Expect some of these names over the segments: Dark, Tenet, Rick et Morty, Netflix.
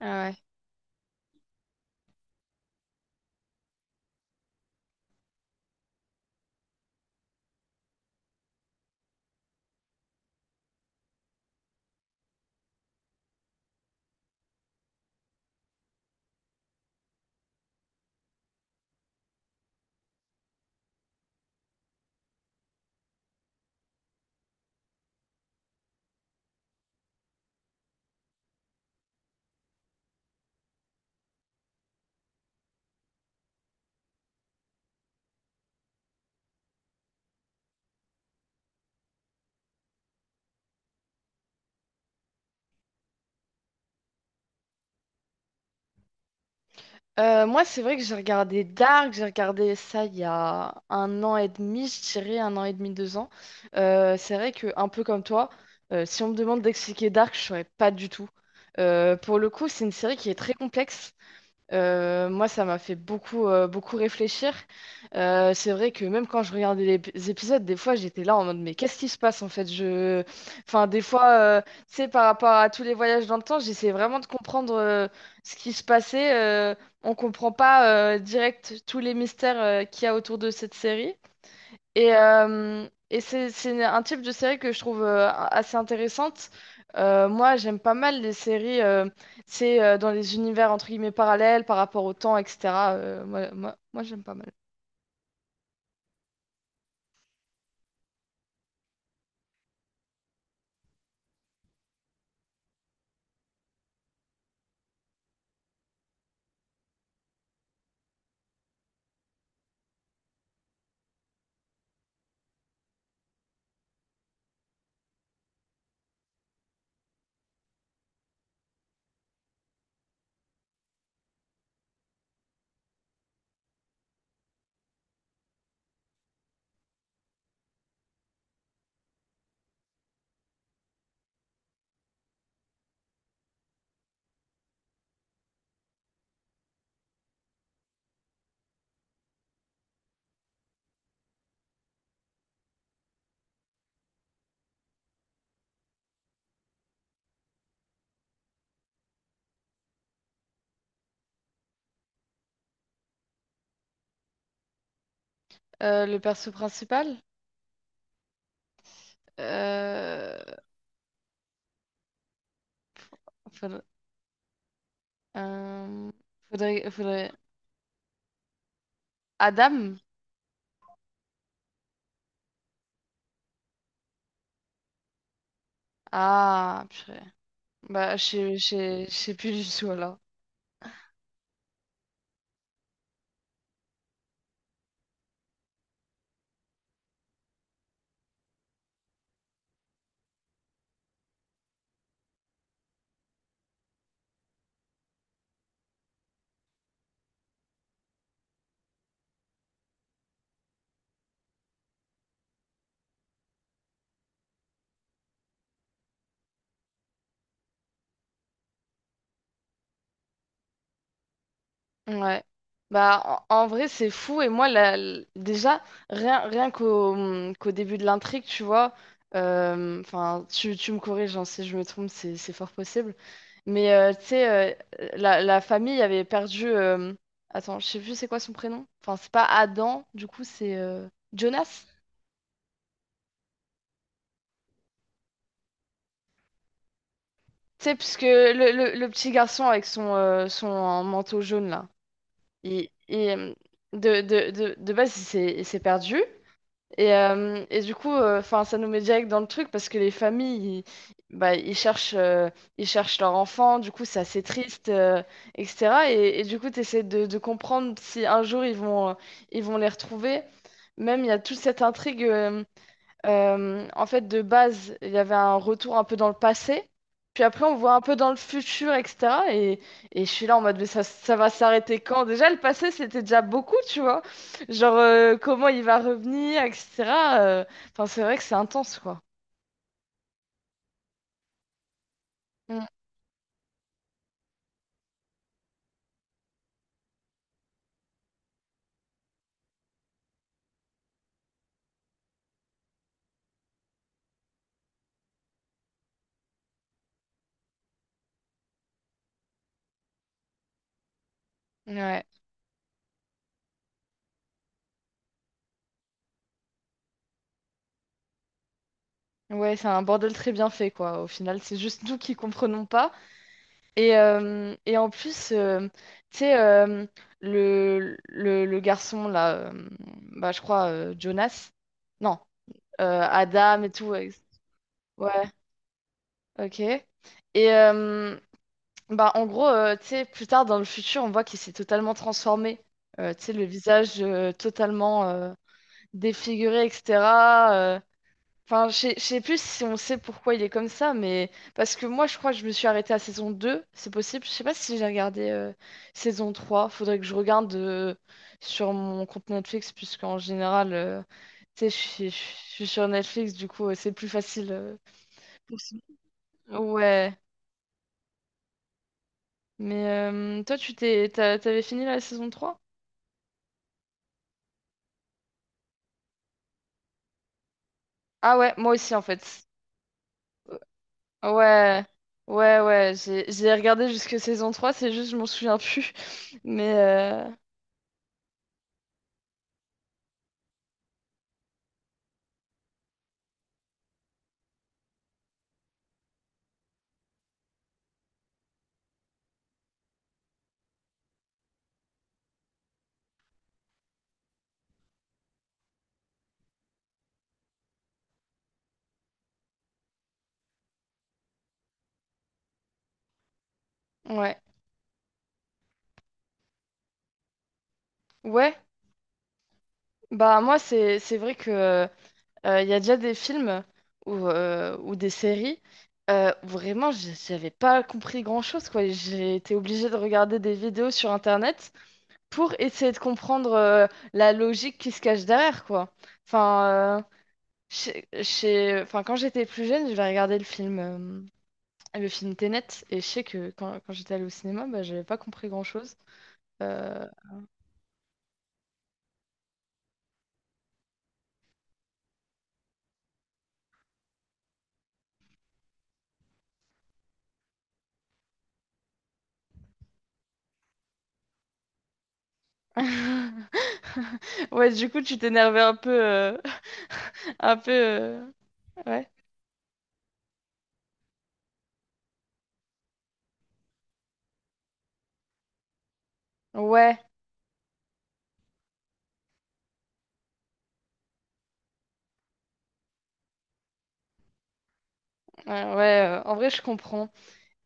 Ah, ouais. Moi, c'est vrai que j'ai regardé Dark, j'ai regardé ça il y a un an et demi, je dirais un an et demi, deux ans. C'est vrai que, un peu comme toi, si on me demande d'expliquer Dark, je saurais pas du tout. Pour le coup, c'est une série qui est très complexe. Moi, ça m'a fait beaucoup réfléchir. C'est vrai que même quand je regardais les épisodes, des fois, j'étais là en mode, mais qu'est-ce qui se passe en fait? Enfin, des fois, tu sais, par rapport à tous les voyages dans le temps, j'essayais vraiment de comprendre ce qui se passait. On comprend pas direct tous les mystères qu'il y a autour de cette série. Et c'est un type de série que je trouve assez intéressante. Moi, j'aime pas mal les séries, c'est dans les univers entre guillemets parallèles par rapport au temps, etc. Moi, j'aime pas mal. Le perso principal. euh, faudrait, euh, faudrait, faudrait- Adam? Ah, purée. Bah, je sais plus du tout alors. Ouais. Bah, en vrai, c'est fou. Et moi, déjà, rien qu'au qu'au début de l'intrigue, tu vois, enfin, tu me corriges, hein, si je me trompe, c'est fort possible. Mais tu sais, la famille avait perdu. Attends, je sais plus c'est quoi son prénom. Enfin, c'est pas Adam, du coup, c'est Jonas. Tu sais, puisque le petit garçon avec son manteau jaune, là, et, et, hum, de base, il s'est perdu. Et, du coup, enfin, ça nous met direct dans le truc parce que les familles, bah, ils cherchent leur enfant, du coup, c'est assez triste, etc. Et du coup, tu essaies de comprendre si un jour ils vont, ils vont les retrouver. Même, il y a toute cette intrigue. En fait, de base, il y avait un retour un peu dans le passé. Puis après, on voit un peu dans le futur, etc. Et je suis là en mode, mais ça va s'arrêter quand? Déjà, le passé, c'était déjà beaucoup, tu vois. Genre, comment il va revenir, etc. euh, Enfin, c'est vrai que c'est intense, quoi. Mm. Ouais. Ouais, c'est un bordel très bien fait, quoi. Au final, c'est juste nous qui comprenons pas. Et en plus, tu sais, le garçon, là, bah, je crois, Jonas. Non, Adam et tout. Ouais, ok. Et euh, bah, en gros, tu sais, plus tard dans le futur, on voit qu'il s'est totalement transformé. Tu sais, le visage totalement défiguré, etc. euh. Enfin, je sais plus si on sait pourquoi il est comme ça, mais parce que moi, je crois que je me suis arrêtée à saison deux, c'est possible. Je sais pas si j'ai regardé saison trois. Faudrait que je regarde sur mon compte Netflix, puisqu'en général, tu sais, je suis sur Netflix, du coup, c'est plus facile. Donc, ouais, mais toi, t'avais fini la saison trois? Ah, ouais, moi aussi en fait. Ouais, ouais, ouais, j'ai regardé jusque saison trois, c'est juste, je m'en souviens plus. Mais ouais, ouais, bah moi, c'est vrai que il y a déjà des films ou des séries où vraiment, j'avais pas compris grand-chose, quoi. J'ai été obligée de regarder des vidéos sur internet pour essayer de comprendre la logique qui se cache derrière, quoi. Enfin, euh, enfin quand j'étais plus jeune, j'avais regardé le film Tenet, et je sais que quand j'étais allée au cinéma, bah, j'avais pas compris grand-chose. Euh, Ouais, du coup, tu t'énervais un peu, un peu, ouais. Ouais, ouais, ouais, en vrai, je comprends.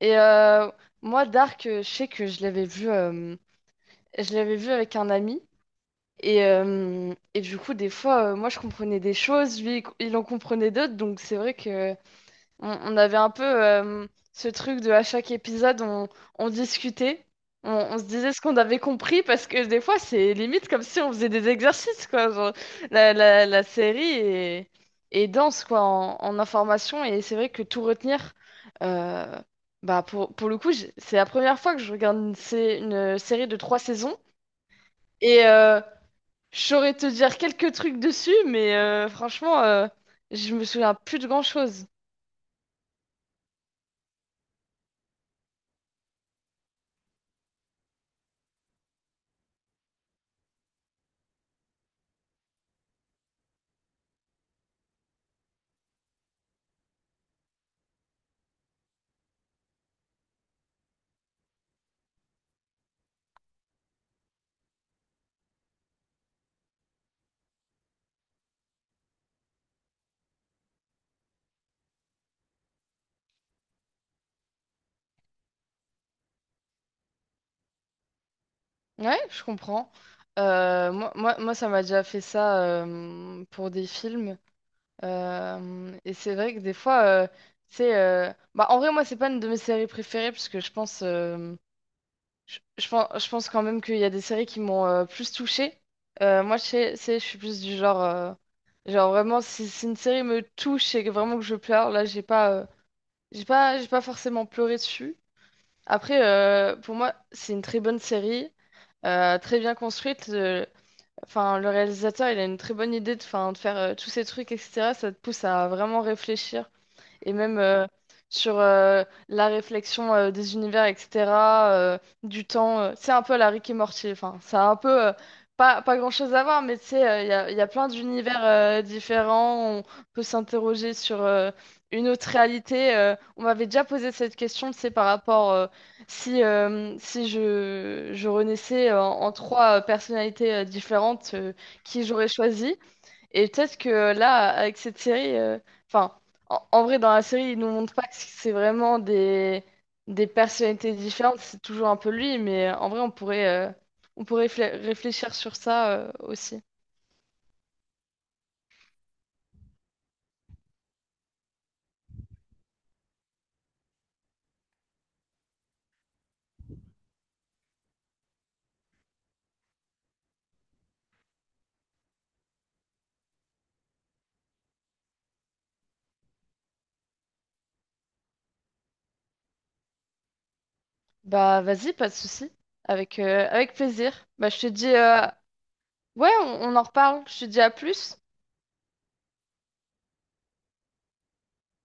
Et moi, Dark, je sais que je l'avais vu avec un ami. Et, du coup, des fois, moi, je comprenais des choses, lui, il en comprenait d'autres. Donc, c'est vrai que on avait un peu ce truc de à chaque épisode, on discutait, on se disait ce qu'on avait compris, parce que des fois, c'est limite comme si on faisait des exercices, quoi. Genre, la série est dense, quoi, en information. Et c'est vrai que tout retenir, euh, bah, pour le coup, c'est la première fois que je regarde une série de trois saisons. Et, je saurais te dire quelques trucs dessus, mais franchement, je me souviens plus de grand-chose. Ouais, je comprends. Moi, ça m'a déjà fait ça pour des films. Et c'est vrai que des fois, c'est. Bah, en vrai, moi, c'est pas une de mes séries préférées, parce que je pense quand même qu'il y a des séries qui m'ont plus touchée. Moi, je sais, je suis plus du genre. Genre, vraiment, si une série me touche et que vraiment que je pleure, là, j'ai pas forcément pleuré dessus. Après, pour moi, c'est une très bonne série, très bien construite. Enfin, le réalisateur, il a une très bonne idée de, enfin, de faire tous ces trucs, etc. Ça te pousse à vraiment réfléchir et même sur la réflexion des univers, etc., euh, du temps. C'est un peu la Rick et Morty, enfin, ça a un peu pas grand-chose à voir, mais tu sais, il y a plein d'univers différents, on peut s'interroger sur une autre réalité. On m'avait déjà posé cette question, tu sais, par rapport, si je renaissais en trois personnalités différentes, qui j'aurais choisi? Et peut-être que là, avec cette série, enfin, en vrai, dans la série, ils nous montrent pas que c'est vraiment des personnalités différentes, c'est toujours un peu lui, mais en vrai, on pourrait réfléchir sur ça, aussi. Bah, vas-y, pas de souci. Avec plaisir. Bah, je te dis, ouais, on en reparle. Je te dis à plus.